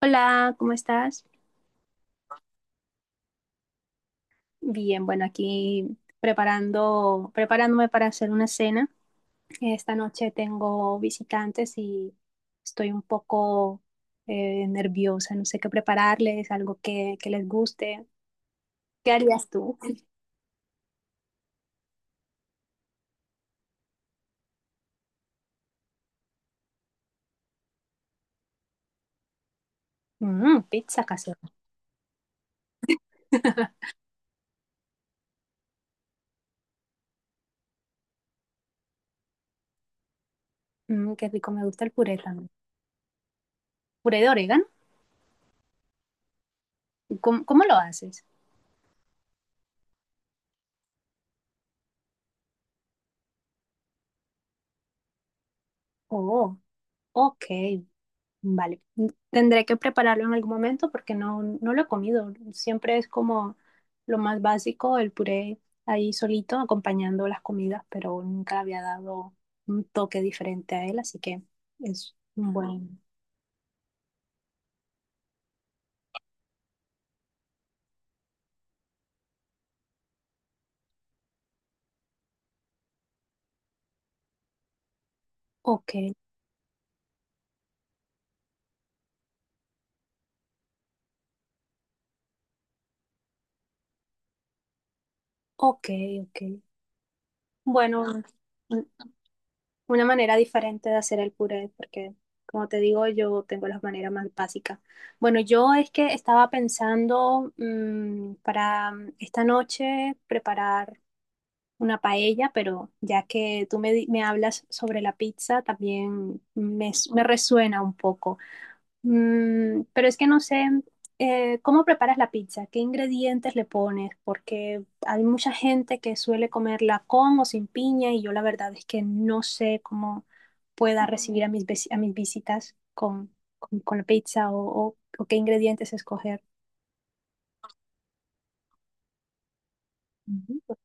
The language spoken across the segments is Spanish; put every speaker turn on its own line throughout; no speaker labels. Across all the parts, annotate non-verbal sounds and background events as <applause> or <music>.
Hola, ¿cómo estás? Bien, bueno, aquí preparándome para hacer una cena. Esta noche tengo visitantes y estoy un poco nerviosa, no sé qué prepararles, algo que les guste. ¿Qué harías tú? Mm, pizza casera. <laughs> Mm, qué rico, me gusta el puré también. ¿Puré de orégano? ¿Cómo lo haces? Oh, ok. Vale, tendré que prepararlo en algún momento porque no lo he comido. Siempre es como lo más básico, el puré ahí solito acompañando las comidas, pero nunca le había dado un toque diferente a él, así que es un buen. Ok, ok, ok. Bueno, un- una manera diferente de hacer el puré porque, como te digo, yo tengo las maneras más básicas. Bueno, yo es que estaba pensando para esta noche preparar una paella, pero ya que tú me hablas sobre la pizza, también me resuena un poco. Mm, pero es que no sé, ¿cómo preparas la pizza? ¿Qué ingredientes le pones? Porque hay mucha gente que suele comerla con o sin piña y yo la verdad es que no sé cómo pueda recibir a a mis visitas con la pizza o, o qué ingredientes escoger. Ujú.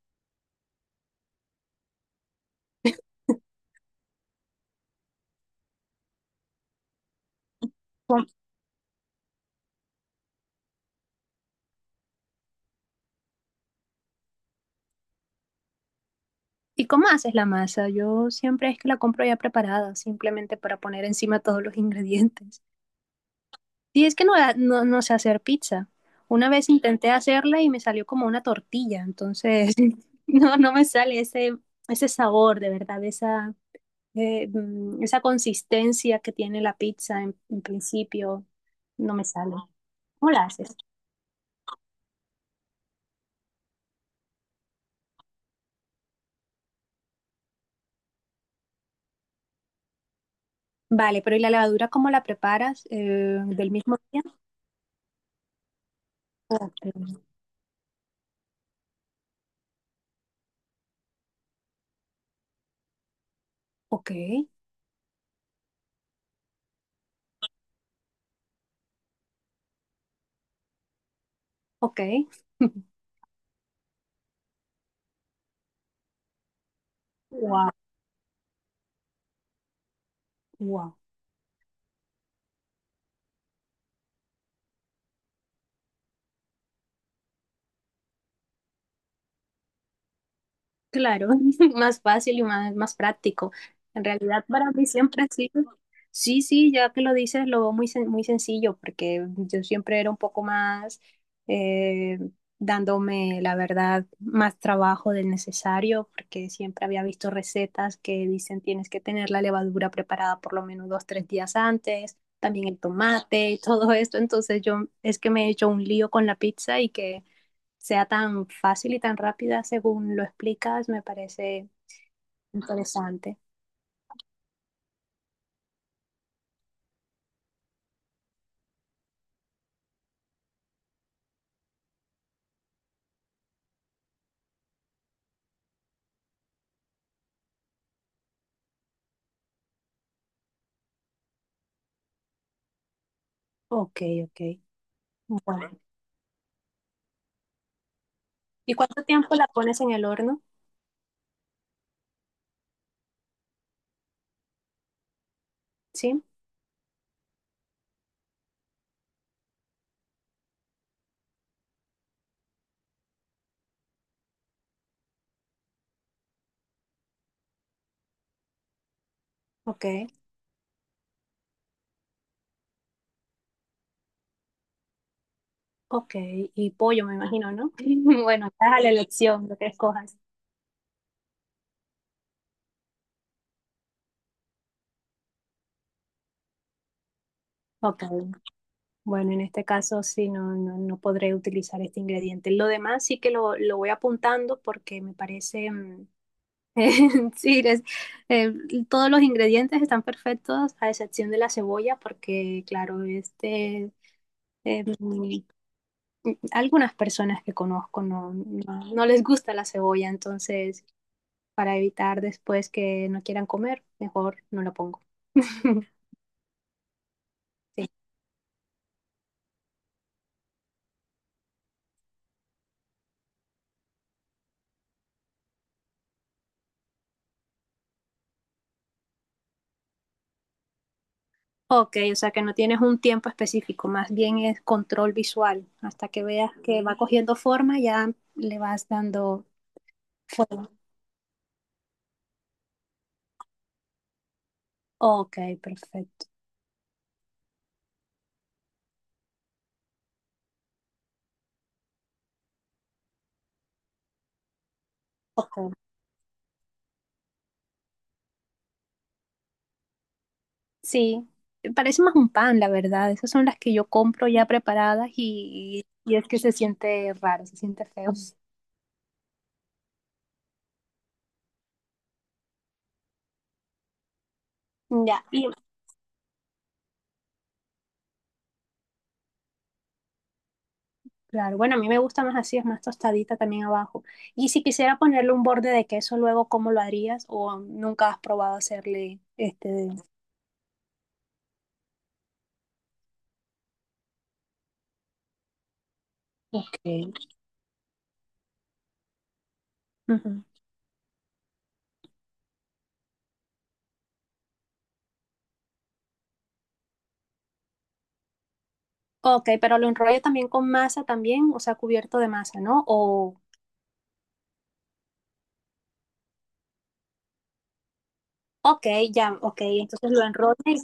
¿Y cómo haces la masa? Yo siempre es que la compro ya preparada, simplemente para poner encima todos los <laughs> ingredientes. Y es que no sé hacer pizza. Una vez intenté <laughs> hacerla y me salió como una tortilla, entonces <laughs> no me sale ese, ese sabor de verdad, esa, esa consistencia que tiene la pizza en principio, no me sale. ¿Cómo la haces? Vale, pero ¿y la levadura cómo la preparas? ¿Del mismo día? Ok, ok. Ok. <laughs> Wow. Wow. Claro, <laughs> más fácil y más práctico. En realidad para mí siempre ha sido, sí, sí, ya que lo dices, lo veo muy sencillo, porque yo siempre era un poco más eh, dándome, la verdad, más trabajo del necesario, porque siempre había visto recetas que dicen tienes que tener la levadura preparada por lo menos dos, tres días antes, también el tomate y todo esto. Entonces yo es que me he hecho un lío con la pizza y que sea tan fácil y tan rápida según lo explicas, me parece interesante. Ok, ok. Bueno. Bueno, ¿y cuánto tiempo la pones en el horno? Sí, ok, ok. Y pollo, me imagino, ¿no? <laughs> Bueno, estás a la elección, lo que escojas. Ok. Bueno, en este caso sí, no podré utilizar este ingrediente. Lo demás sí que lo voy apuntando porque me parece, mm, <laughs> Sí, eh, todos los ingredientes están perfectos, a excepción de la cebolla, porque, claro, este, eh, mm, algunas personas que conozco no les gusta la cebolla, entonces, para evitar después que no quieran comer, mejor no la pongo. <laughs> Sí. Ok, o sea que no tienes un tiempo específico, más bien es control visual. Hasta que veas que va cogiendo forma, ya le vas dando forma. Ok, perfecto. Ok. Sí, parece más un pan, la verdad. Esas son las que yo compro ya preparadas y es que se siente raro, se siente feo. Ya, y claro, bueno, a mí me gusta más así, es más tostadita también abajo. Y si quisiera ponerle un borde de queso luego, ¿cómo lo harías? ¿O nunca has probado hacerle este de... Ok. Ujú. Ok, pero lo enrollo también con masa también, o sea, cubierto de masa, ¿no? O, ok, ya, ok, entonces lo enrollo y...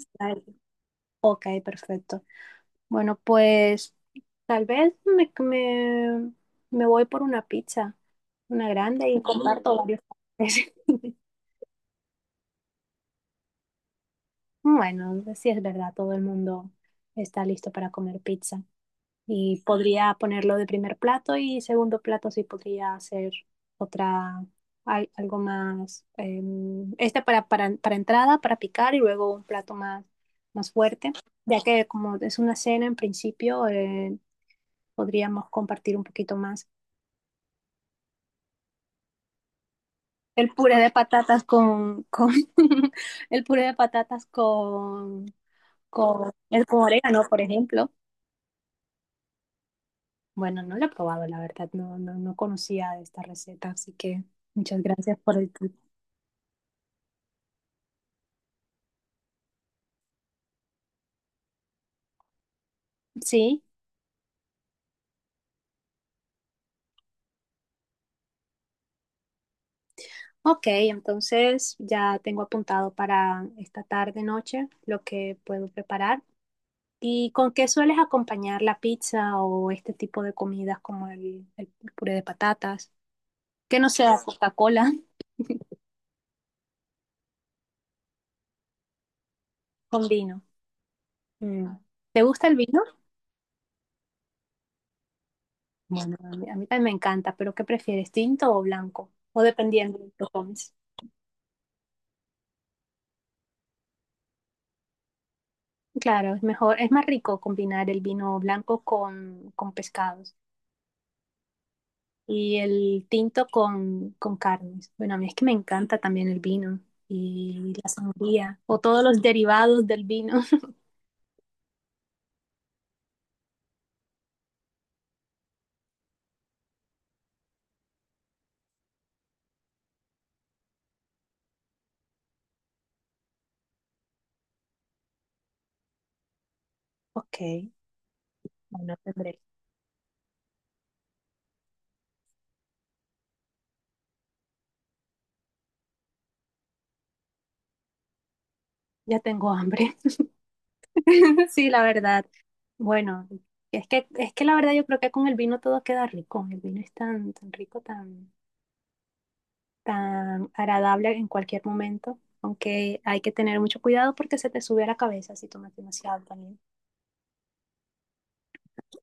Ok, perfecto. Bueno, pues... Tal vez me voy por una pizza, una grande y comparto varios sabores. <laughs> Bueno, sí es verdad, todo el mundo está listo para comer pizza. Y podría ponerlo de primer plato y segundo plato sí podría hacer otra, algo más, este para entrada, para picar y luego un plato más, más fuerte, ya que como es una cena en principio, podríamos compartir un poquito más. El puré de patatas con <laughs> el puré de patatas con, el, con orégano, por ejemplo. Bueno, no lo he probado, la verdad, no conocía esta receta, así que muchas gracias por el tip. Sí, ok, entonces ya tengo apuntado para esta tarde, noche, lo que puedo preparar. ¿Y con qué sueles acompañar la pizza o este tipo de comidas como el puré de patatas? Que no sea Coca-Cola. <laughs> Con vino. Mm. ¿Te gusta el vino? Bueno, a a mí también me encanta, pero ¿qué prefieres, tinto o blanco? O dependiendo de los hobbies. Claro, es mejor, es más rico combinar el vino blanco con pescados y el tinto con carnes. Bueno, a mí es que me encanta también el vino y la sangría o todos los derivados del vino. <laughs> Ok, bueno, tendré. Ya tengo hambre. <laughs> Sí, la verdad. Bueno, es que la verdad yo creo que con el vino todo queda rico. El vino es tan rico, tan... tan agradable en cualquier momento, aunque hay que tener mucho cuidado porque se te sube a la cabeza si tomas demasiado también.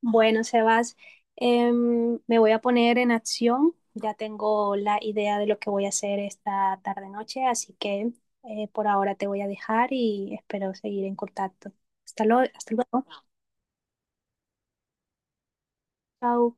Bueno, Sebas, me voy a poner en acción. Ya tengo la idea de lo que voy a hacer esta tarde-noche, así que por ahora te voy a dejar y espero seguir en contacto. Hasta luego. Hasta luego. Chao.